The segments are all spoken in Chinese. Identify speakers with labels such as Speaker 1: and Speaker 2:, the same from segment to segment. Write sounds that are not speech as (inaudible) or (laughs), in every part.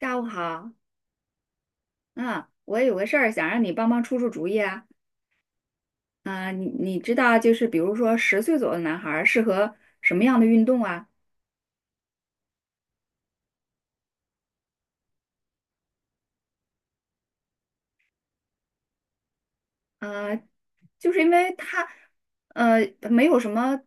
Speaker 1: 下午好，嗯，我有个事儿想让你帮忙出出主意啊。你知道就是比如说十岁左右的男孩儿适合什么样的运动啊？呃，就是因为他，呃，没有什么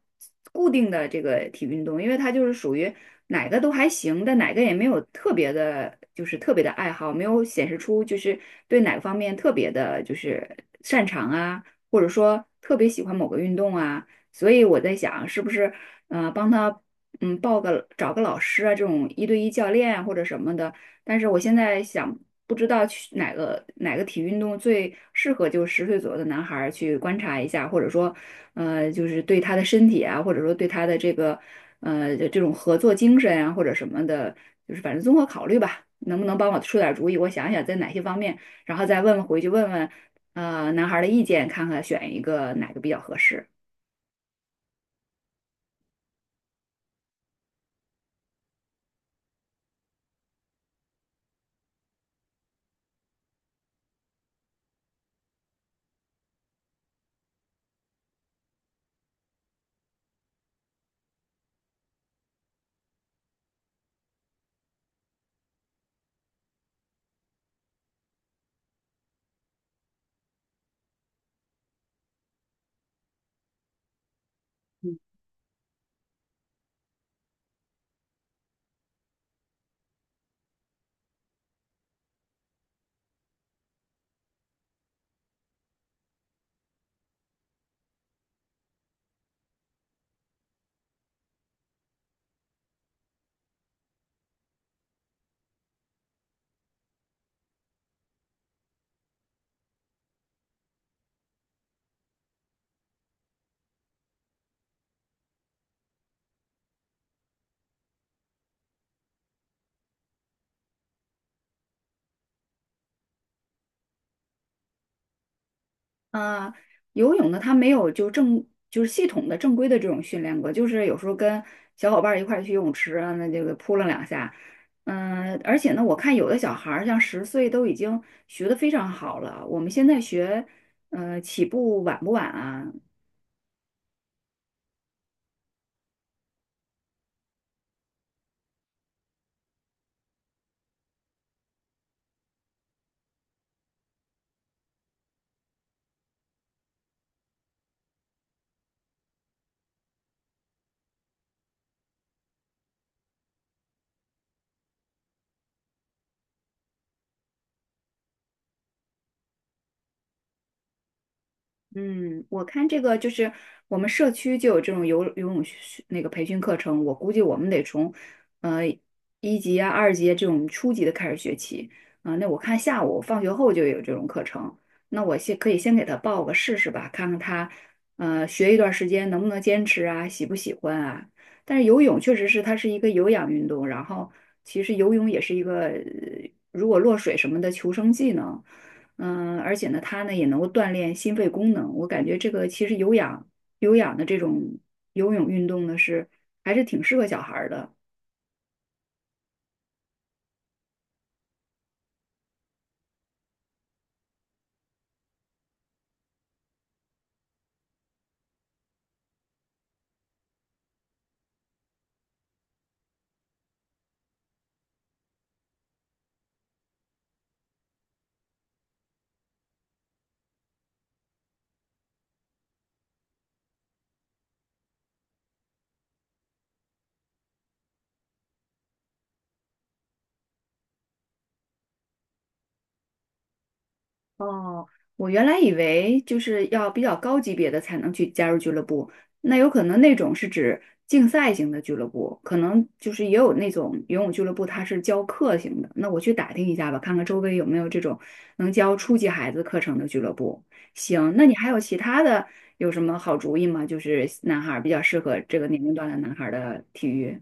Speaker 1: 固定的这个体育运动，因为他就是属于哪个都还行，但哪个也没有特别的，就是特别的爱好，没有显示出就是对哪个方面特别的，就是擅长啊，或者说特别喜欢某个运动啊，所以我在想，是不是帮他报个找个老师啊，这种一对一教练啊或者什么的。但是我现在想，不知道去哪个体育运动最适合就是十岁左右的男孩儿去观察一下，或者说，就是对他的身体啊，或者说对他的这个这种合作精神啊，或者什么的，就是反正综合考虑吧，能不能帮我出点儿主意？我想想在哪些方面，然后再问问回去问问，男孩儿的意见，看看选一个哪个比较合适。啊，游泳呢，他没有就是系统的正规的这种训练过，就是有时候跟小伙伴儿一块儿去游泳池啊，那这个扑棱两下。嗯，而且呢，我看有的小孩儿像十岁都已经学的非常好了，我们现在学，嗯，起步晚不晚啊？嗯，我看这个就是我们社区就有这种游泳那个培训课程，我估计我们得从呃一级啊、二级啊这种初级的开始学起。啊、那我看下午放学后就有这种课程，那我可以先给他报个试试吧，看看他学一段时间能不能坚持啊，喜不喜欢啊。但是游泳确实是它是一个有氧运动，然后其实游泳也是一个如果落水什么的求生技能。嗯，而且呢，它呢也能够锻炼心肺功能。我感觉这个其实有氧的这种游泳运动呢，还是挺适合小孩儿的。哦，我原来以为就是要比较高级别的才能去加入俱乐部，那有可能那种是指竞赛型的俱乐部，可能就是也有那种游泳俱乐部，它是教课型的。那我去打听一下吧，看看周围有没有这种能教初级孩子课程的俱乐部。行，那你还有其他的有什么好主意吗？就是男孩儿比较适合这个年龄段的男孩儿的体育。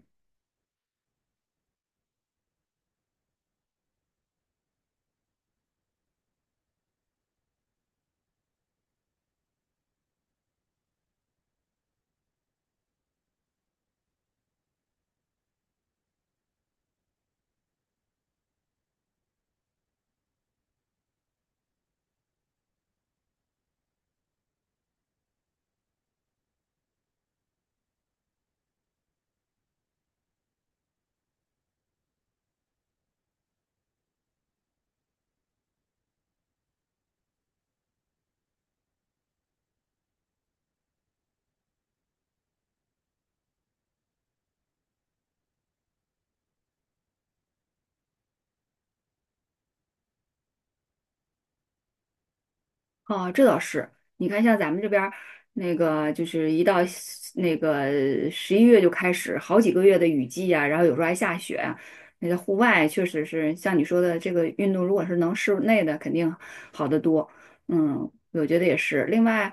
Speaker 1: 哦，这倒是。你看，像咱们这边儿那个，就是一到西那个十一月就开始好几个月的雨季啊，然后有时候还下雪啊，那在户外确实是像你说的，这个运动如果是能室内的，肯定好得多。嗯，我觉得也是。另外，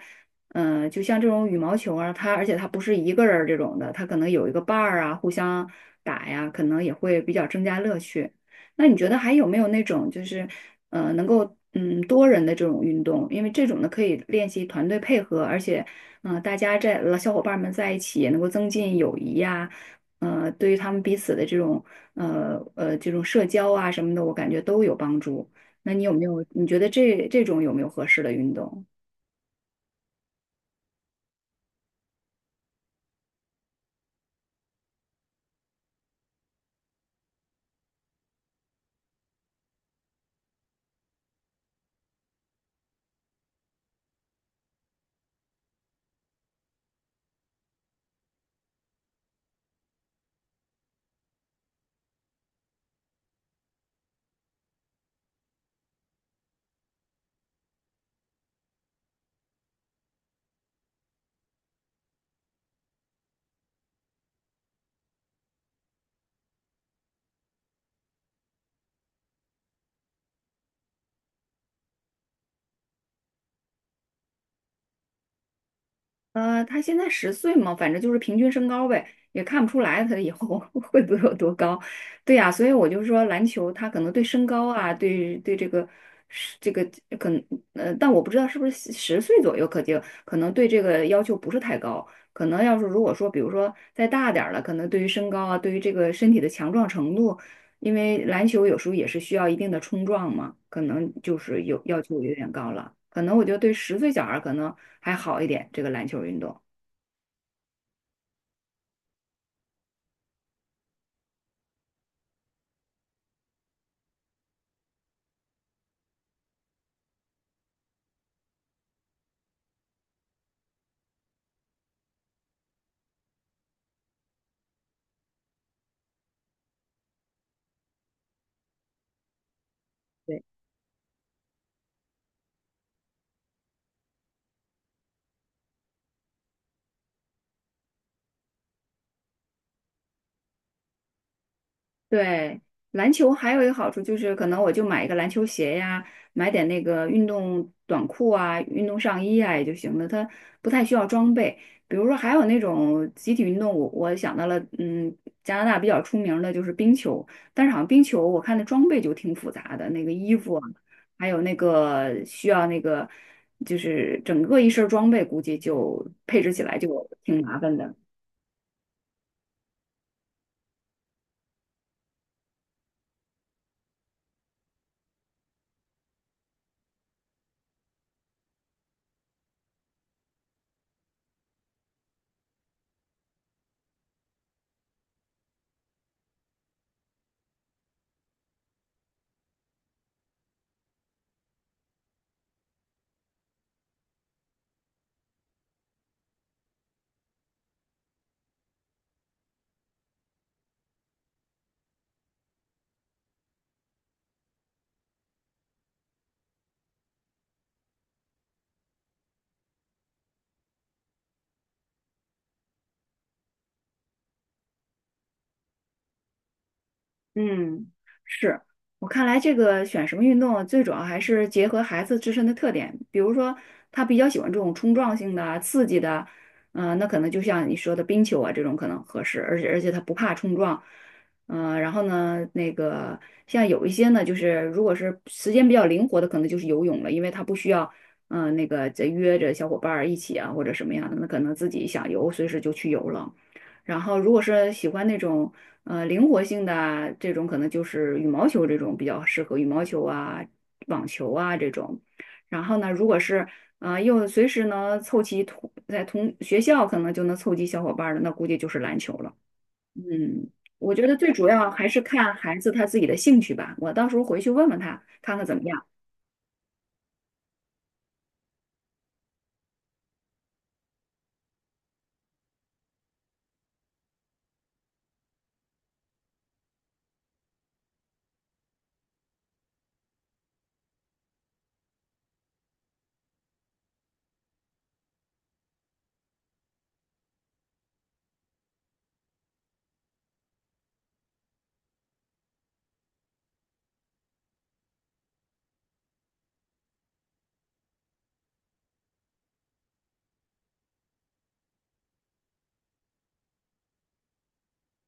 Speaker 1: 嗯、就像这种羽毛球啊，它而且它不是一个人儿这种的，它可能有一个伴儿啊，互相打呀，可能也会比较增加乐趣。那你觉得还有没有那种就是能够多人的这种运动？因为这种呢可以练习团队配合，而且大家在呃小伙伴们在一起也能够增进友谊呀、对于他们彼此的这种这种社交啊什么的，我感觉都有帮助。那你有没有？你觉得这种有没有合适的运动？呃，他现在十岁嘛，反正就是平均身高呗，也看不出来他以后 (laughs) 会不会有多高。对呀，所以我就说篮球，他可能对身高啊，对这个是这个可能，但我不知道是不是十岁左右，可能对这个要求不是太高。可能要是如果说，比如说再大点儿了，可能对于身高啊，对于这个身体的强壮程度，因为篮球有时候也是需要一定的冲撞嘛，可能就是有要求有点高了。可能我觉得对十岁小孩儿可能还好一点，这个篮球运动。对，对，篮球还有一个好处就是，可能我就买一个篮球鞋呀，买点那个运动短裤啊、运动上衣啊也就行了，它不太需要装备。比如说，还有那种集体运动，我想到了，嗯，加拿大比较出名的就是冰球，但是好像冰球我看的装备就挺复杂的，那个衣服啊，还有那个需要那个，就是整个一身儿装备，估计就配置起来就挺麻烦的。嗯，是，我看来，这个选什么运动，最主要还是结合孩子自身的特点。比如说，他比较喜欢这种冲撞性的、刺激的，嗯、那可能就像你说的冰球啊，这种可能合适，而且他不怕冲撞。嗯、然后呢，那个像有一些呢，就是如果是时间比较灵活的，可能就是游泳了，因为他不需要，嗯、那个再约着小伙伴儿一起啊，或者什么样的，那可能自己想游，随时就去游了。然后如果是喜欢那种，灵活性的啊这种可能就是羽毛球这种比较适合，羽毛球啊、网球啊这种。然后呢，如果是又随时能凑齐在同学校可能就能凑齐小伙伴儿的，那估计就是篮球了。嗯，我觉得最主要还是看孩子他自己的兴趣吧。我到时候回去问问他，看看怎么样。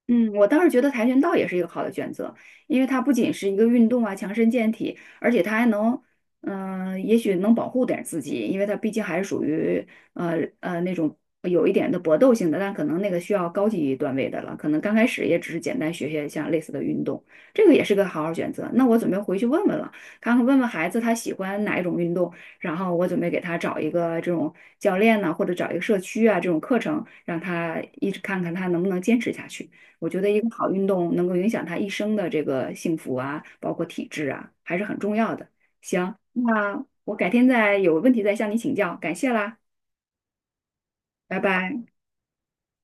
Speaker 1: 嗯，我倒是觉得跆拳道也是一个好的选择，因为它不仅是一个运动啊，强身健体，而且它还能，嗯、也许能保护点儿自己，因为它毕竟还是属于那种有一点的搏斗性的，但可能那个需要高级段位的了，可能刚开始也只是简单学学像类似的运动，这个也是个好选择。那我准备回去问问了，看看问问孩子他喜欢哪一种运动，然后我准备给他找一个这种教练呢，或者找一个社区啊这种课程，让他一直看看他能不能坚持下去。我觉得一个好运动能够影响他一生的这个幸福啊，包括体质啊，还是很重要的。行，那我改天再有问题再向你请教，感谢啦，拜拜。